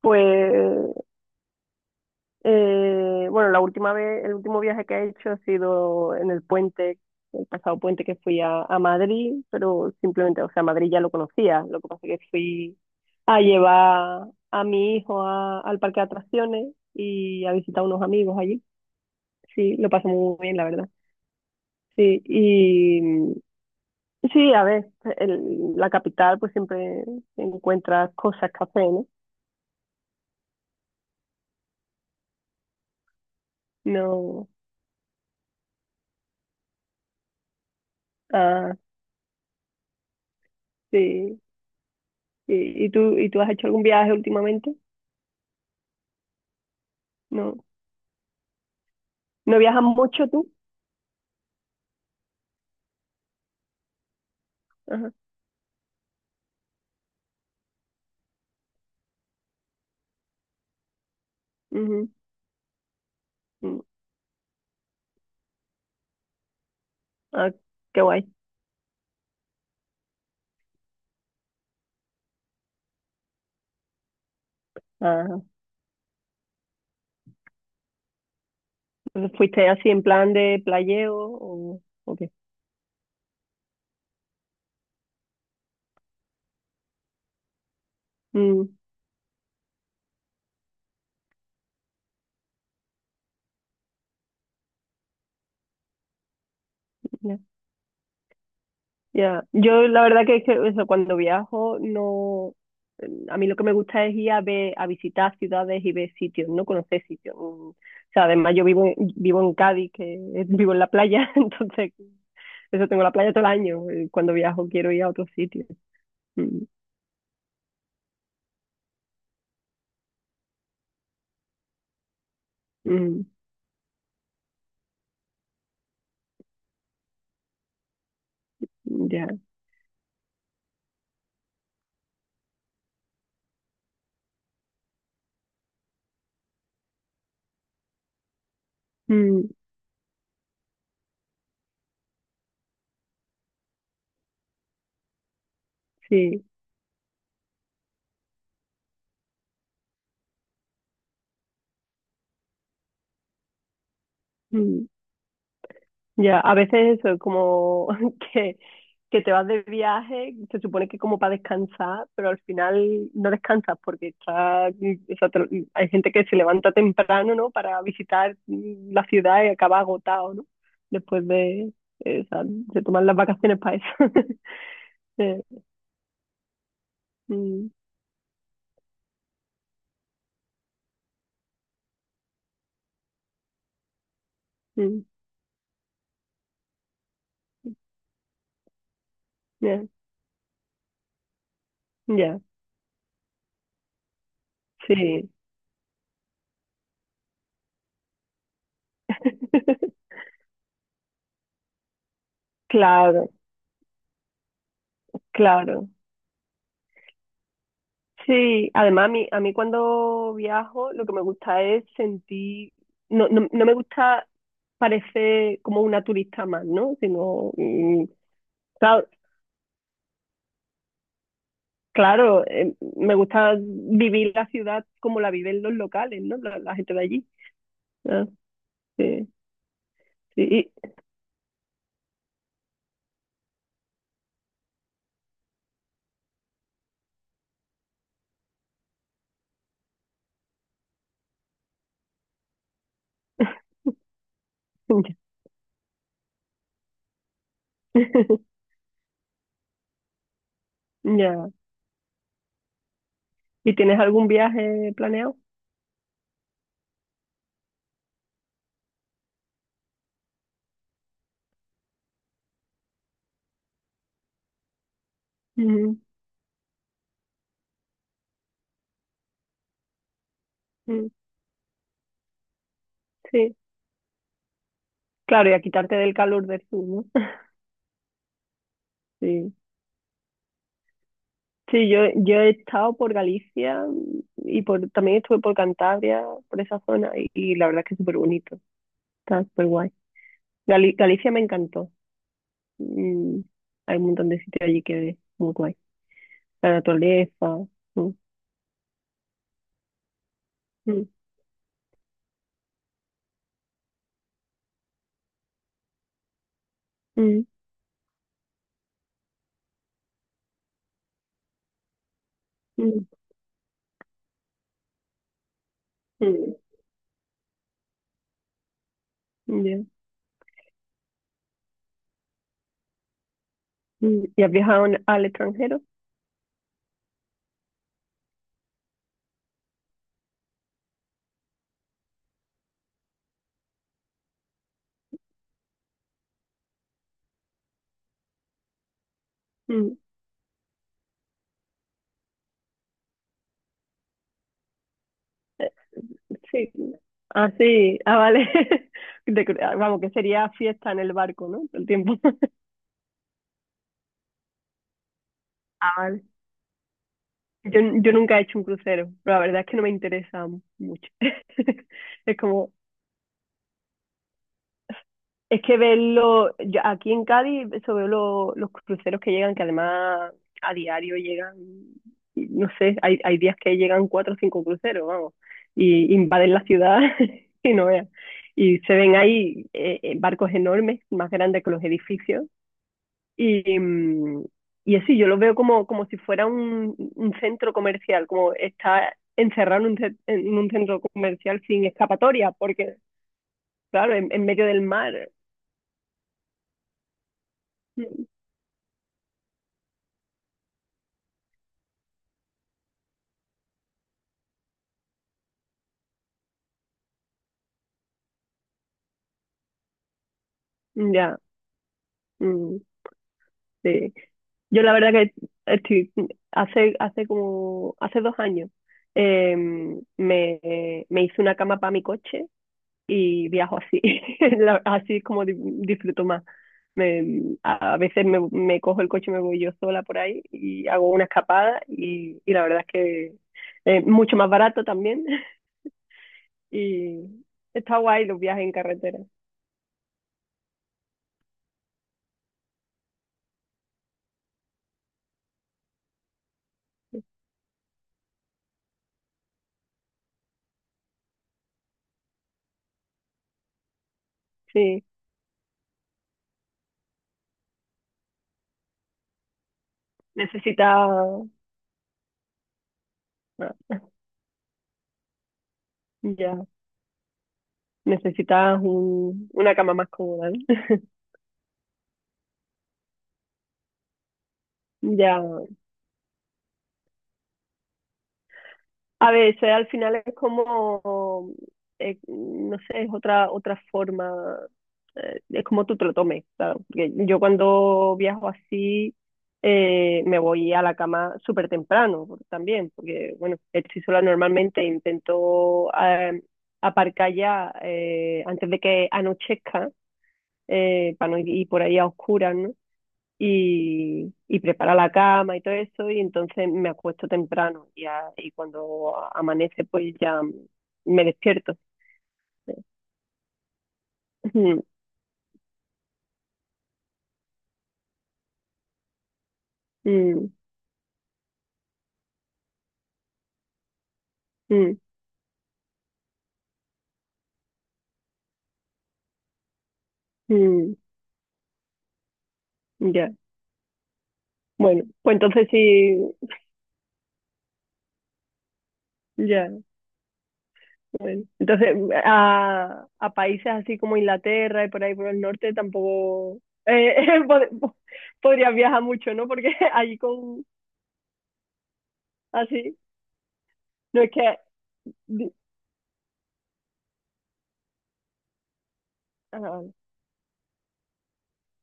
Pues, bueno, la última vez, el último viaje que he hecho ha sido en el puente, el pasado puente que fui a Madrid, pero simplemente, o sea, Madrid ya lo conocía, lo que pasa es que fui a llevar a mi hijo al parque de atracciones y a visitar unos amigos allí. Sí, lo pasé muy bien, la verdad. Sí, y sí, a ver, la capital pues siempre encuentras cosas que hacer, ¿no? No, ah, sí. ¿Y, y tú has hecho algún viaje últimamente? No, no viajas mucho tú. Ajá, ujú, mm. Ah, qué guay. Ajá. ¿Fuiste así en plan de playeo o qué? Mm, ya, ya. Yo la verdad que, es que eso, cuando viajo no, mm, a mí lo que me gusta es ir a ver, a visitar ciudades y ver sitios, no conocer sitios. Mm. O sea, además yo vivo en, vivo en Cádiz, que vivo en la playa, entonces eso tengo la playa todo el año. Cuando viajo quiero ir a otros sitios. Mm, mm. Ya, mm, sí, mm, ya, a veces eso, como que, que te vas de viaje, se supone que como para descansar, pero al final no descansas porque está, o sea, hay gente que se levanta temprano, ¿no? Para visitar la ciudad y acaba agotado, ¿no? Después de, o sea, se toman las vacaciones para eso. Eh, mm, mm, ya, ya, sí, claro, claro. Sí, además a mí cuando viajo lo que me gusta es sentir, no me gusta parecer como una turista más, ¿no? Sino, claro, claro, me gusta vivir la ciudad como la viven los locales, ¿no? La gente de allí. Ah, sí, sí. Ya. ¿Y tienes algún viaje planeado? Ujú, ujú. Sí, claro, y a quitarte del calor del sur, ¿no? Sí. Sí, yo he estado por Galicia también estuve por Cantabria, por esa zona, y la verdad es que es súper bonito, está súper guay. Galicia me encantó. Mm, hay un montón de sitios allí que es muy guay. La naturaleza. mm, mm, mm, mm, ya, mm. ¿Y has viajado al extranjero? Mm, sí. Ah, sí. Ah, vale. Ah, vamos, que sería fiesta en el barco, ¿no? Todo el tiempo. Ah, vale. Yo nunca he hecho un crucero, pero la verdad es que no me interesa mucho. Es como, es que verlo, yo aquí en Cádiz, eso veo los cruceros que llegan, que además a diario llegan, y no sé, hay días que llegan cuatro o cinco cruceros, vamos, y invaden la ciudad y no veas. Y se ven ahí barcos enormes, más grandes que los edificios. Y, y así, yo lo veo como, como si fuera un centro comercial, como está encerrado en un centro comercial sin escapatoria, porque, claro, en medio del mar. Mm, Ya, mm, sí. Yo la verdad que estoy, hace, hace como, hace dos años, em, me, me hice una cama para mi coche y viajo así. Así es como disfruto más. A veces me, me cojo el coche y me voy yo sola por ahí y hago una escapada y la verdad es que es mucho más barato también. Y está guay los viajes en carretera. Sí, necesitas, ah, ya, necesitas una cama más cómoda, ¿no? Ya. A ver, eso al final es como, no sé, es otra, otra forma, es como tú te lo tomes, claro. Porque yo cuando viajo así me voy a la cama súper temprano también, porque bueno, estoy sola normalmente, intento aparcar ya antes de que anochezca, para no ir por ahí a oscuras, ¿no? Y, y prepara la cama y todo eso, y entonces me acuesto temprano y, y cuando amanece pues ya me despierto. Mm, mm, mm, mm, ya, bueno, pues entonces sí, ya, bueno. Entonces a países así como Inglaterra y por ahí por el norte tampoco eh, pod- po- podrías viajar mucho, ¿no? Porque allí con así, no es que... ah.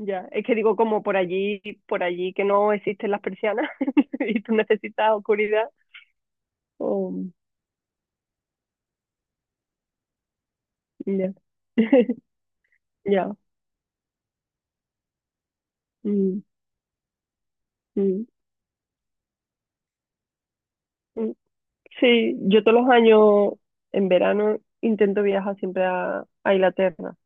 Ya, es que digo como por allí que no existen las persianas y tú necesitas oscuridad. O ya, ya. mm, mm, mm. Sí, yo todos los años en verano intento viajar siempre a Inglaterra,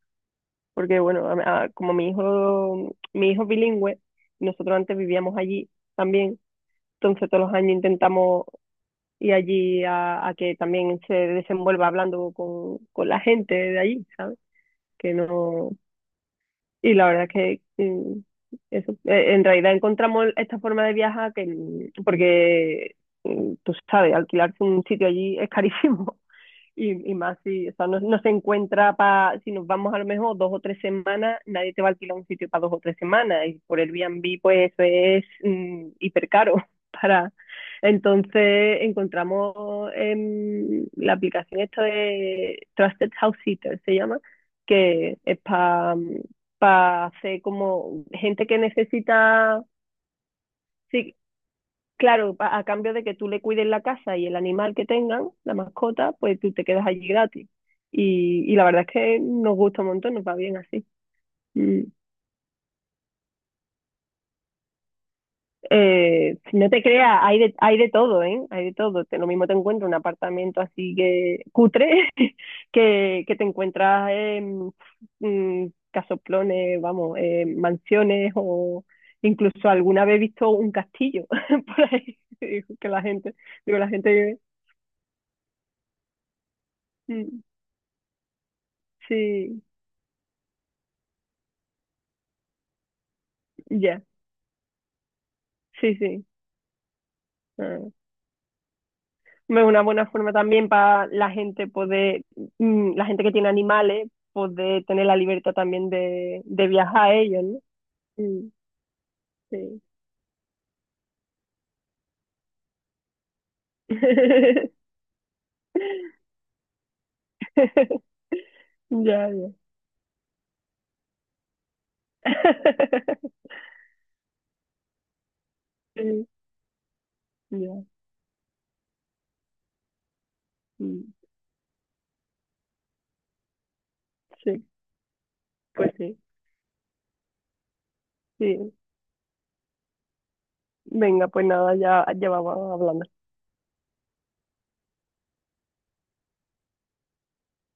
porque bueno, como mi hijo es bilingüe, nosotros antes vivíamos allí también, entonces todos los años intentamos ir allí a que también se desenvuelva hablando con la gente de allí, ¿sabes? Que no. Y la verdad es que eso, en realidad encontramos esta forma de viajar que, mm, porque tú sabes, alquilarse un sitio allí es carísimo. Y más si, o sea, no, no se encuentra para, si nos vamos a lo mejor dos o tres semanas, nadie te va a alquilar un sitio para dos o tres semanas. Y por el Airbnb, pues eso es hiper caro para... Entonces encontramos la aplicación esta de Trusted House Sitter, se llama, que es para hacer como gente que necesita sí. Claro, a cambio de que tú le cuides la casa y el animal que tengan, la mascota, pues tú te quedas allí gratis. Y la verdad es que nos gusta un montón, nos va bien así. Mm. Si no te creas, hay de todo, ¿eh? Hay de todo. Lo mismo te encuentras un apartamento así que cutre, que te encuentras en mm, casoplones, vamos, mansiones o incluso alguna vez he visto un castillo por ahí. Digo, que la gente, digo, la gente, mm, sí. Ya, sí, sí. Ah, es una buena forma también para la gente poder, la gente que tiene animales, poder tener la libertad también de viajar a ellos, ¿no? Mm, sí. Ya, ya. Sí, ya. mm, Sí, pues sí, sí. Venga, pues nada, ya, ya vamos hablando.